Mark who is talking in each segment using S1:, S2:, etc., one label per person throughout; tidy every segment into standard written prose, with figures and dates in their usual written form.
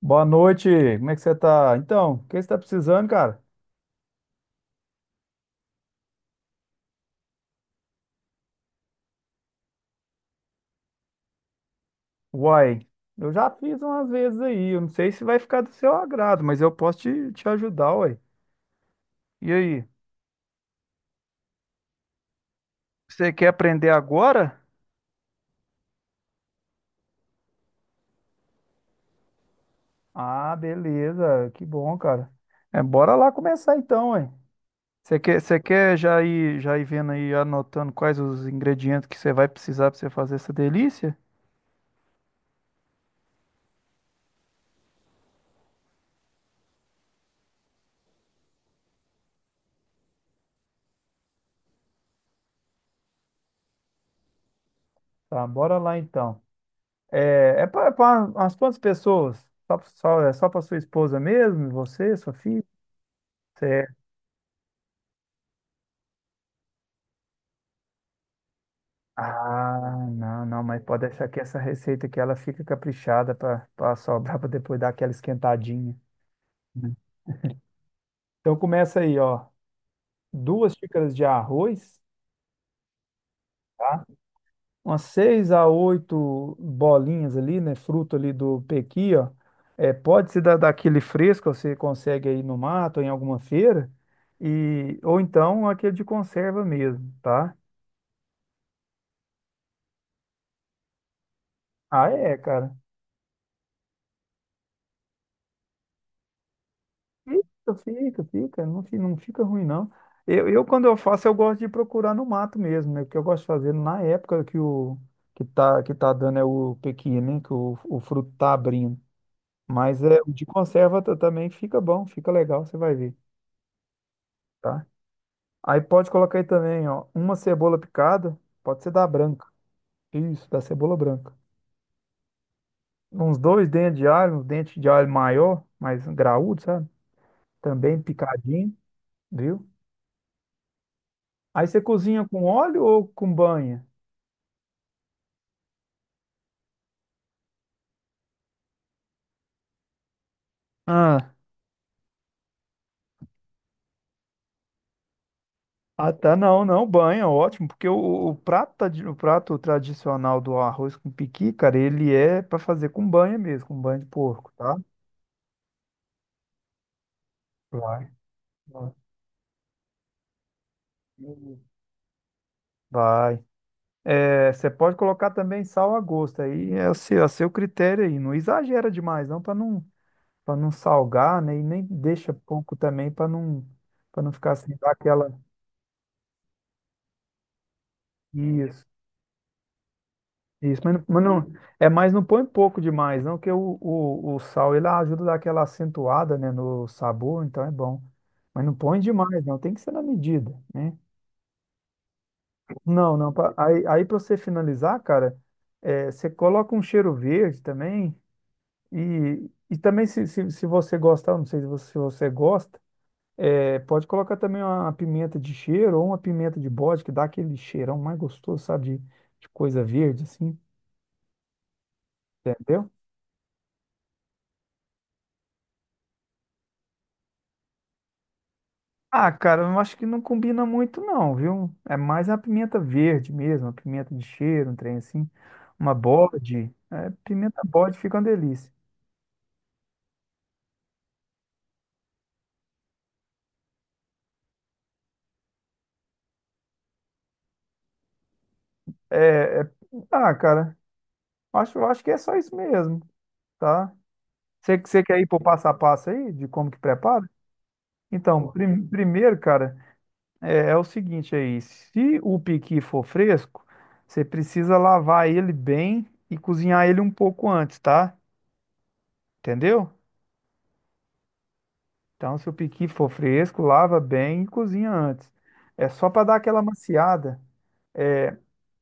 S1: Boa noite, como é que você tá? Então, o que você tá precisando, cara? Uai, eu já fiz umas vezes aí, eu não sei se vai ficar do seu agrado, mas eu posso te ajudar, uai. E aí, você quer aprender agora? Ah, beleza, que bom, cara. É, bora lá começar então, uai. Você quer já ir vendo aí, anotando quais os ingredientes que você vai precisar para você fazer essa delícia? Tá, bora lá então. É, é para umas quantas pessoas? É só para sua esposa mesmo, você, sua filha? Cê- Ah, não, não, mas pode deixar que essa receita aqui ela fica caprichada para sobrar para depois dar aquela esquentadinha. Uhum. Então começa aí, ó, duas xícaras de arroz, tá? Umas seis a oito bolinhas ali, né? Fruto ali do pequi, ó. É, pode ser daquele fresco, você consegue aí no mato, em alguma feira, e ou então aquele de conserva mesmo, tá? Ah, é, cara. Fica, fica, fica, não, fi- Não fica ruim, não. Quando eu faço, eu gosto de procurar no mato mesmo, né? O que eu gosto de fazer na época que o que tá dando é o pequi, né? Que o fruto tá abrindo. Mas é, o de conserva também fica bom, fica legal, você vai ver, tá? Aí pode colocar aí também, ó, uma cebola picada, pode ser da branca. Isso, da cebola branca. Uns dois dentes de alho, uns dentes de alho maior, mais graúdo, sabe? Também picadinho, viu? Aí você cozinha com óleo ou com banha? Ah, Ah, tá, não, não, Banha, ótimo, porque o prato, o prato tradicional do arroz com piqui, cara, ele é para fazer com banha mesmo, com banha de porco, tá? Vai. Vai. É, você pode colocar também sal a gosto, aí é a seu critério aí, não exagera demais não, para não salgar, né, e nem deixa pouco também para não ficar sem dar aquela... Isso. Isso, mas, não, é mais não põe pouco demais, não, que o sal ele ajuda a dar aquela acentuada, né, no sabor, então é bom. Mas não põe demais, não, tem que ser na medida, né? Não, não, aí para você finalizar, cara, é, você coloca um cheiro verde também e também se você gostar, eu não sei se você gosta, é, pode colocar também uma pimenta de cheiro ou uma pimenta de bode, que dá aquele cheirão mais gostoso, sabe, de coisa verde, assim, entendeu? Ah, cara, eu acho que não combina muito não, viu? É mais a pimenta verde mesmo, a pimenta de cheiro, um trem assim. Uma bode. É, pimenta bode fica uma delícia. É, é- Ah, cara, acho que é só isso mesmo, tá? Você quer ir pro passo a passo aí, de como que prepara? Então, primeiro, cara, é, é o seguinte aí. Se o piqui for fresco, você precisa lavar ele bem e cozinhar ele um pouco antes, tá? Entendeu? Então, se o piqui for fresco, lava bem e cozinha antes. É só para dar aquela maciada.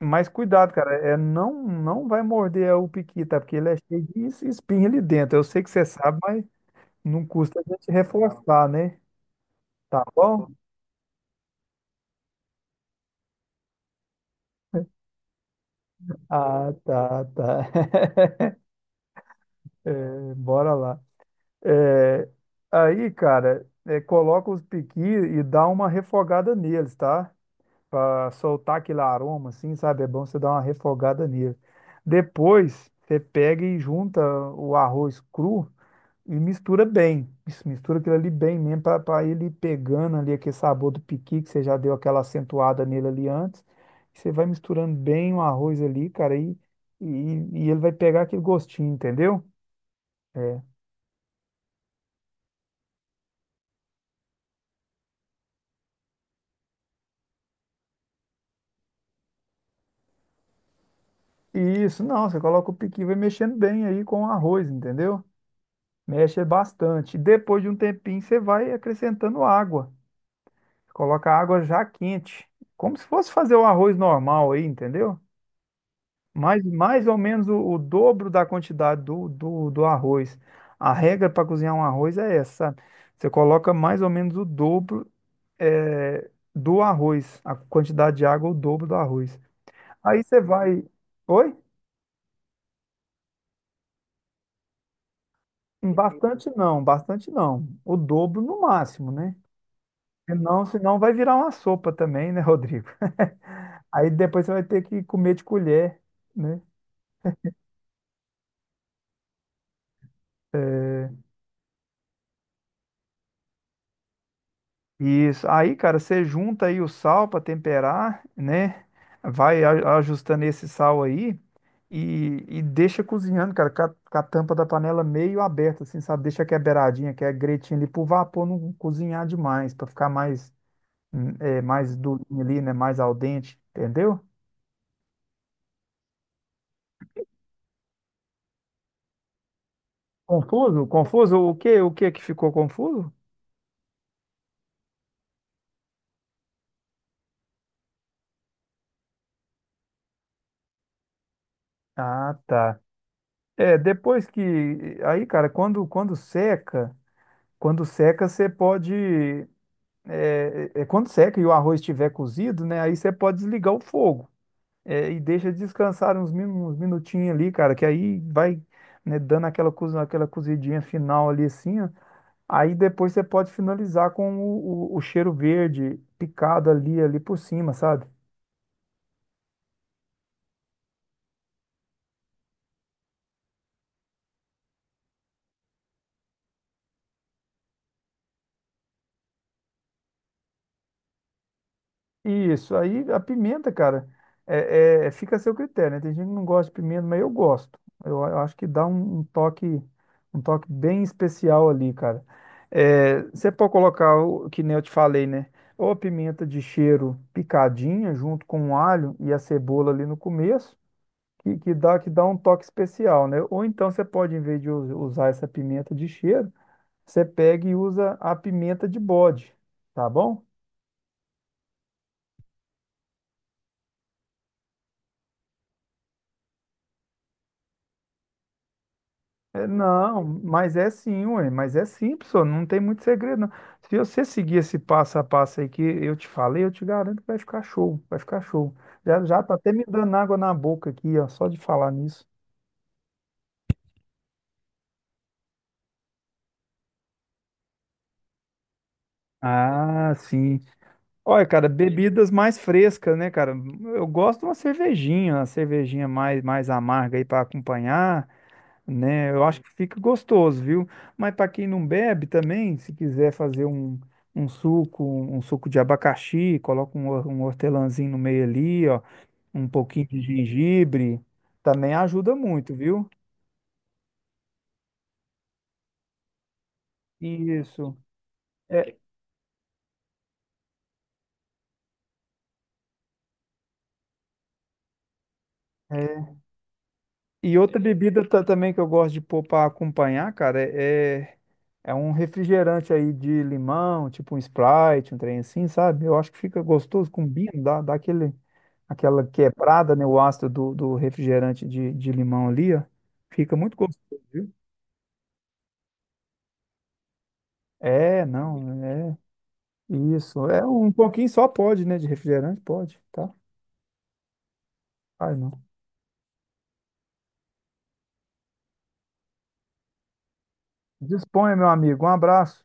S1: Mas cuidado, cara, é não vai morder o piqui, tá? Porque ele é cheio de espinha ali dentro. Eu sei que você sabe, mas não custa a gente reforçar, né? Tá bom? Ah, tá, tá. É, bora lá. É, aí, cara, é, coloca os piqui e dá uma refogada neles, tá? Para soltar aquele aroma, assim, sabe? É bom você dar uma refogada nele. Depois, você pega e junta o arroz cru e mistura bem. Isso, mistura aquilo ali bem mesmo para ele ir pegando ali aquele sabor do piqui que você já deu aquela acentuada nele ali antes. Você vai misturando bem o arroz ali, cara, e, e ele vai pegar aquele gostinho, entendeu? É. Isso, não, você coloca o piqui, e vai mexendo bem aí com o arroz, entendeu? Mexe bastante. Depois de um tempinho, você vai acrescentando água. Coloca água já quente, como se fosse fazer o arroz normal aí, entendeu? Mais, mais ou menos o dobro da quantidade do arroz. A regra para cozinhar um arroz é essa, sabe? Você coloca mais ou menos o dobro eh, do arroz, a quantidade de água, é o dobro do arroz. Aí você vai. Oi? Bastante não, bastante não. O dobro no máximo, né? Senão, senão vai virar uma sopa também, né, Rodrigo? Aí depois você vai ter que comer de colher, né? Eh, Isso. Aí, cara, você junta aí o sal para temperar, né? Vai ajustando esse sal aí e deixa cozinhando, cara, com a tampa da panela meio aberta, assim, sabe? Deixa que é beiradinha, que é gretinha ali pro vapor não cozinhar demais, para ficar mais, mais durinho ali, né? Mais al dente, entendeu? Confuso? Confuso? O que que ficou confuso? Ah, tá. É, depois que. Aí, cara, quando seca, você pode. É, é quando seca e o arroz estiver cozido, né? Aí você pode desligar o fogo. É, e deixa descansar uns, uns minutinhos ali, cara, que aí vai, né, dando aquela, aquela cozidinha final ali assim, ó. Aí depois você pode finalizar com o cheiro verde picado ali, ali por cima, sabe? Isso, aí a pimenta, cara, fica a seu critério, né? Tem gente que não gosta de pimenta, mas eu gosto. Eu, acho que dá um toque bem especial ali, cara. É, você pode colocar, o que nem eu te falei, né? Ou a pimenta de cheiro picadinha, junto com o alho e a cebola ali no começo, que dá um toque especial, né? Ou então você pode, em vez de usar essa pimenta de cheiro, você pega e usa a pimenta de bode, tá bom? É, não, mas é sim, ué, mas é simples, só, não tem muito segredo, não. Se você seguir esse passo a passo aí que eu te falei, eu te garanto que vai ficar show, vai ficar show. Já, já tá até me dando água na boca aqui, ó, só de falar nisso. Ah, sim. Olha, cara, bebidas mais frescas, né, cara? Eu gosto de uma cervejinha mais amarga aí para acompanhar. Né? Eu acho que fica gostoso, viu? Mas para quem não bebe também, se quiser fazer um suco de abacaxi, coloca um, um hortelãzinho no meio ali, ó, um pouquinho de gengibre, também ajuda muito, viu? Isso. É, é. E outra bebida também que eu gosto de pôr para acompanhar, cara, é um refrigerante aí de limão, tipo um Sprite, um trem assim, sabe? Eu acho que fica gostoso, combina, dá aquele. Aquela quebrada, né, o ácido do refrigerante de limão ali, ó, fica muito gostoso, viu? É, não, é isso. É um pouquinho só pode, né, de refrigerante, pode, tá? Ai, não. Disponha, meu amigo. Um abraço.